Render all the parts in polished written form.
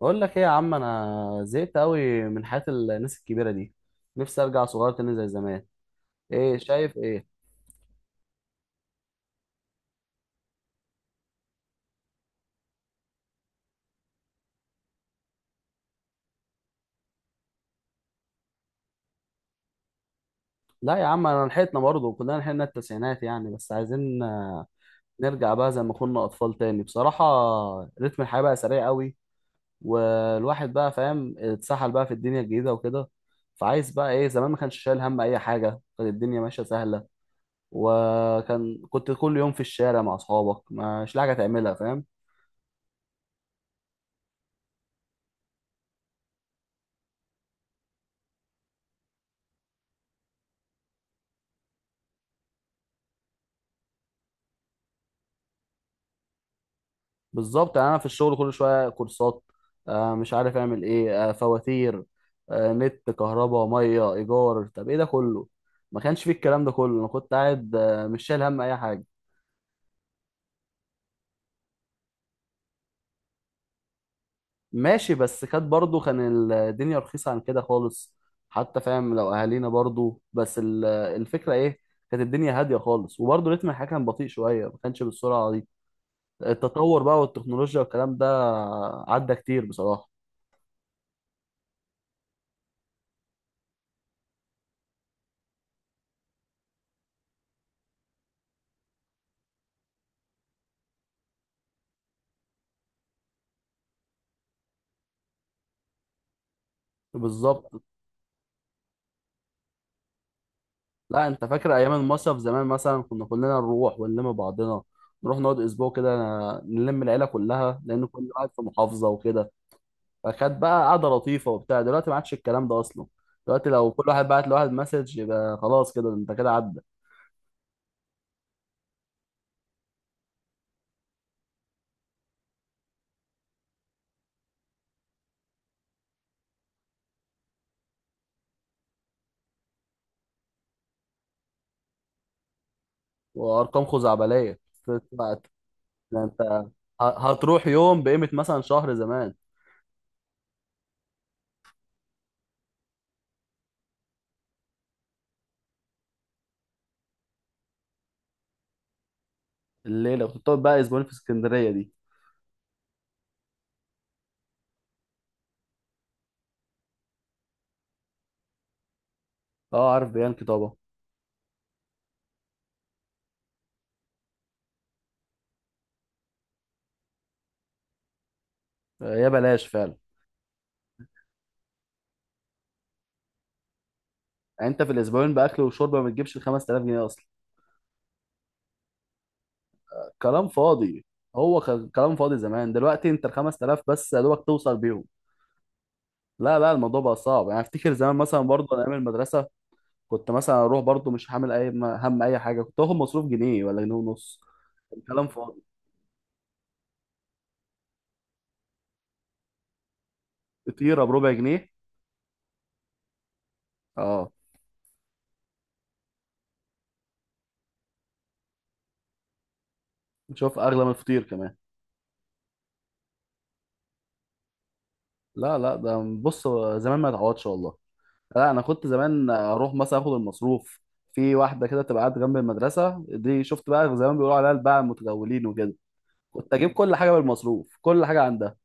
بقول لك ايه يا عم، انا زهقت قوي من حياة الناس الكبيرة دي. نفسي ارجع صغير تاني زي زمان. ايه شايف ايه؟ لا يا عم، انا لحقتنا برضه، كلنا لحقنا التسعينات يعني، بس عايزين نرجع بقى زي ما كنا اطفال تاني بصراحة. رتم الحياة بقى سريع قوي، والواحد بقى فاهم اتسحل بقى في الدنيا الجديدة وكده. فعايز بقى ايه، زمان ما كانش شايل هم اي حاجة، كانت الدنيا ماشية سهلة. كنت كل يوم في الشارع مع اصحابك مش لاقي حاجة تعملها، فاهم. بالظبط، يعني انا في الشغل كل شويه كورسات، مش عارف اعمل ايه، فواتير، نت، كهرباء، ميه، ايجار. طب ايه ده كله؟ ما كانش فيه الكلام ده كله، انا كنت قاعد مش شايل هم اي حاجه. ماشي، بس كانت برضو كان الدنيا رخيصه عن كده خالص، حتى فاهم لو اهالينا برضو، بس الفكره ايه، كانت الدنيا هاديه خالص، وبرضو رتم الحياه كان بطيء شويه، ما كانش بالسرعه دي. التطور بقى والتكنولوجيا والكلام ده عدى كتير بصراحه. بالظبط. لا انت فاكر ايام المصيف زمان، مثلا كنا كلنا نروح ونلم بعضنا، نروح نقعد اسبوع كده، نلم العيله كلها لان كل واحد في محافظه وكده. فكانت بقى قعده لطيفه وبتاع، دلوقتي ما عادش الكلام ده اصلا. دلوقتي لو كل واحد بعت لواحد مسج يبقى خلاص، كده انت كده عدى. وارقام خزعبليه. بتاعت- ده انت هتروح يوم بقيمه مثلا شهر زمان. الليله كنت بتقعد بقى اسبوعين في اسكندريه دي. اه عارف بيانكي طبعا. آه، يا بلاش فعلا. يعني انت في الاسبوعين باكل وشرب ما بتجيبش ال 5000 جنيه اصلا. كلام فاضي. هو كان كلام فاضي زمان، دلوقتي انت ال 5000 بس يا دوبك توصل بيهم. لا لا، الموضوع بقى صعب يعني. افتكر زمان مثلا برضه ايام المدرسه كنت مثلا اروح برضه مش حامل اي هم اي حاجه، كنت واخد مصروف جنيه ولا جنيه ونص. الكلام فاضي. فطيره بربع جنيه. اه. شوف اغلى من الفطير كمان. لا لا، ده بص، زمان ما يتعوضش والله. لا انا كنت زمان اروح مثلا اخد المصروف في واحده كده تبقى قاعده جنب المدرسه دي، شفت بقى زمان بيقولوا عليها الباعة المتجولين وكده. كنت اجيب كل حاجه بالمصروف، كل حاجه عندها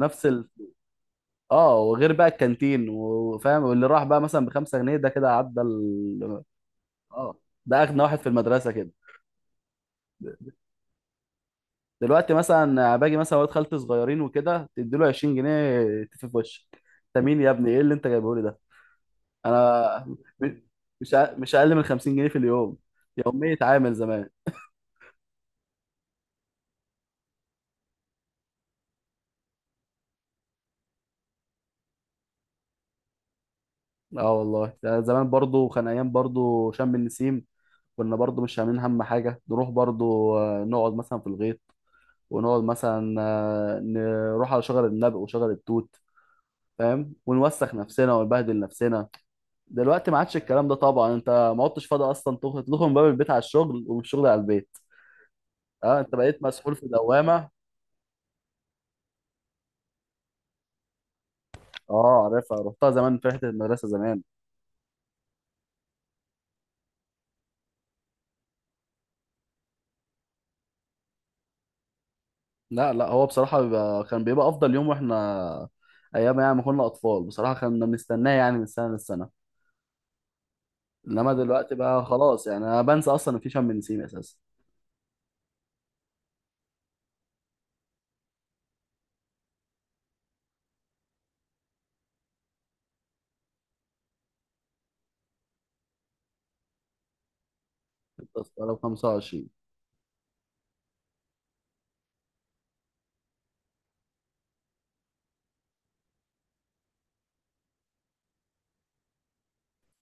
نفس ال... اه، وغير بقى الكانتين وفاهم، واللي راح بقى مثلا بخمسة جنيه ده كده عدى ال... اه. ده اغنى واحد في المدرسه كده. دلوقتي مثلا باجي مثلا ولاد خالتي صغيرين وكده تديله 20 جنيه تفي في وشك. انت مين يا ابني؟ ايه اللي انت جايبه لي ده؟ انا م- مش مش اقل من 50 جنيه في اليوم. يوميه عامل زمان. اه والله. ده زمان برضو كان ايام، برضو شم النسيم كنا برضو مش عاملين هم حاجه، نروح برضو نقعد مثلا في الغيط، ونقعد مثلا نروح على شجر النبق وشجر التوت، فاهم، ونوسخ نفسنا ونبهدل نفسنا. دلوقتي ما عادش الكلام ده طبعا، انت ما عدتش فاضي اصلا، تخرج تخرج من باب البيت على الشغل ومن الشغل على البيت. اه انت بقيت مسحول في دوامه. اه عارفها، رحتها زمان في رحله المدرسه زمان. لا لا، هو بصراحه بيبقى كان بيبقى افضل يوم، واحنا ايام يعني ما كنا اطفال بصراحه كنا بنستناه يعني من سنه للسنه. انما دلوقتي بقى خلاص، يعني انا بنسى اصلا ان في شم نسيم اساسا. التذكره ب 25.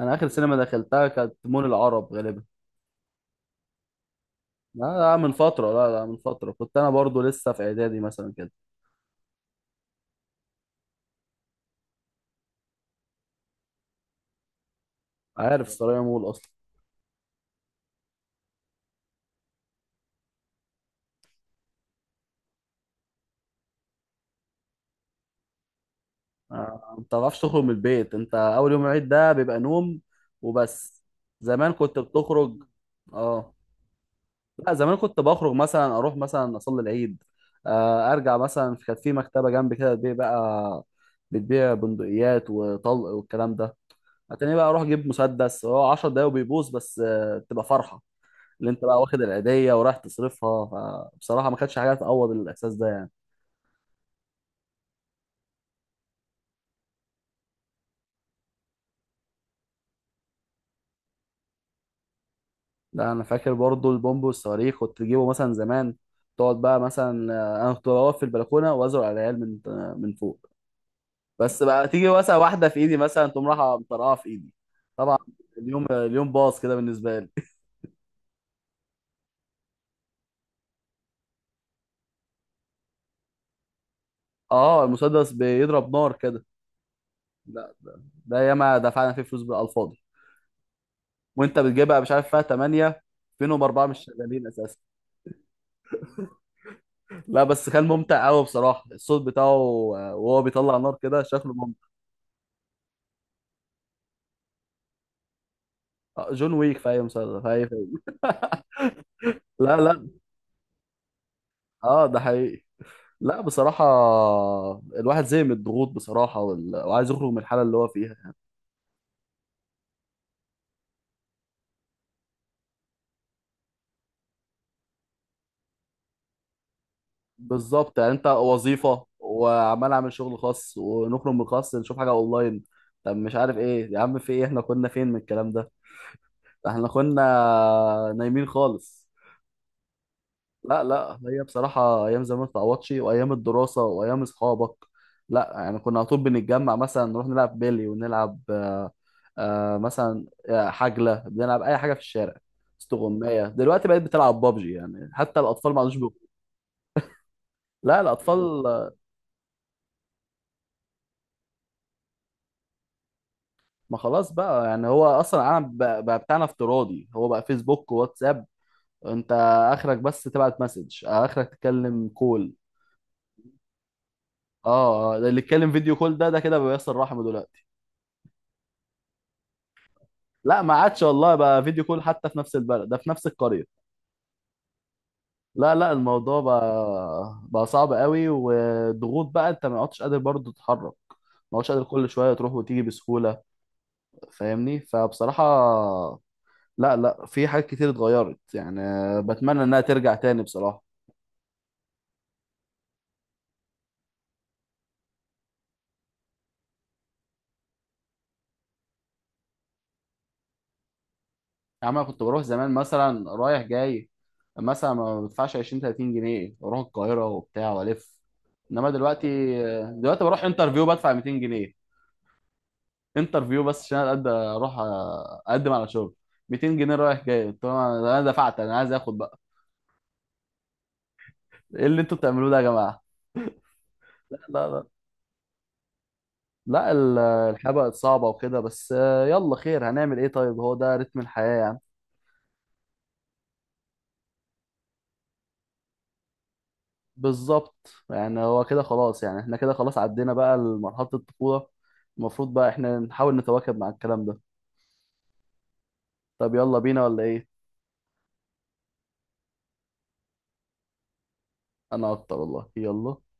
انا اخر سينما دخلتها كانت مول العرب غالبا. لا لا من فتره، لا لا من فتره، كنت انا برضو لسه في اعدادي مثلا كده. عارف السرايا مول اصلا. آه، ما بتعرفش تخرج من البيت، انت اول يوم العيد ده بيبقى نوم وبس. زمان كنت بتخرج. اه. لا زمان كنت بخرج مثلا، اروح مثلا اصلي العيد، ارجع مثلا، كانت في مكتبه جنبي كده بتبيع بقى، بتبيع بندقيات وطلق والكلام ده. هتلاقيني بقى اروح اجيب مسدس هو 10 دقايق وبيبوظ، بس آه، بتبقى فرحه اللي انت بقى واخد العيدية ورايح تصرفها. فبصراحة ما كانتش حاجة تعوض الإحساس ده يعني. لا أنا فاكر برضو البومب والصواريخ كنت تجيبه مثلا زمان، تقعد بقى مثلا أنا كنت واقف في البلكونة وأزرع على العيال من فوق. بس بقى تيجي مثلا واحدة في إيدي مثلا تقوم رايحة مطرقعة في إيدي، طبعا. اليوم اليوم باظ كده بالنسبة لي. اه، المسدس بيضرب نار كده. لا ده, ياما دفعنا فيه فلوس بالألفاضي. وأنت بتجيبها مش عارف فيها 8 فينهم 4 مش شغالين. لا بس كان ممتع قوي بصراحه الصوت بتاعه. آه، وهو بيطلع نار كده شكله ممتع. آه، جون ويك في اي مسلسل، في اي فيلم. لا لا. اه ده حقيقي. لا بصراحه، الواحد زي من الضغوط بصراحه، وعايز يخرج من الحاله اللي هو فيها. بالظبط، يعني انت وظيفه وعمال اعمل شغل خاص، ونخرج من الخاص نشوف حاجه اونلاين. طب مش عارف ايه يا عم، في ايه، احنا كنا فين من الكلام ده؟ احنا كنا نايمين خالص. لا لا، هي بصراحة أيام زمان ما تتعوضش، وأيام الدراسة وأيام أصحابك. لا يعني كنا على طول بنتجمع مثلا نروح نلعب بيلي، ونلعب مثلا حجلة، بنلعب أي حاجة في الشارع، استغماية. دلوقتي بقيت بتلعب بابجي، يعني حتى الأطفال ما عادوش لا الأطفال آه، ما خلاص بقى. يعني هو أصلا العالم بقى بتاعنا افتراضي، هو بقى فيسبوك وواتساب. أنت آخرك بس تبعت مسج، آخرك تتكلم كول. اه، آه، اللي يتكلم فيديو كول ده، ده كده بيصل رحمه دلوقتي. لا ما عادش والله بقى فيديو كول حتى في نفس البلد، ده في نفس القرية. لا لا، الموضوع بقى صعب قوي، وضغوط بقى، انت ما عدتش قادر برضه تتحرك، ما عدتش قادر كل شوية تروح وتيجي بسهولة، فاهمني. فبصراحة لا لا، في حاجات كتير اتغيرت يعني. بتمنى انها ترجع تاني بصراحة. يعني انا كنت بروح زمان مثلا رايح جاي، مثلا ما بدفعش 20 30 جنيه، بروح القاهرة وبتاع والف. انما دلوقتي، دلوقتي بروح انترفيو بدفع 200 جنيه، انترفيو بس عشان اقدر اروح اقدم على شغل. 200 جنيه رايح جاي، طب انا دفعت، انا عايز اخد بقى. ايه اللي انتوا بتعملوه ده يا جماعه؟ لا لا لا، لا الحياه بقت صعبه وكده، بس آه، يلا خير، هنعمل ايه، طيب هو ده رتم الحياه يعني. بالظبط، يعني هو كده خلاص، يعني احنا كده خلاص عدينا بقى لمرحله الطفوله، المفروض بقى احنا نحاول نتواكب مع الكلام ده. طب يلا بينا ولا ايه؟ انا اكتر والله، يلا.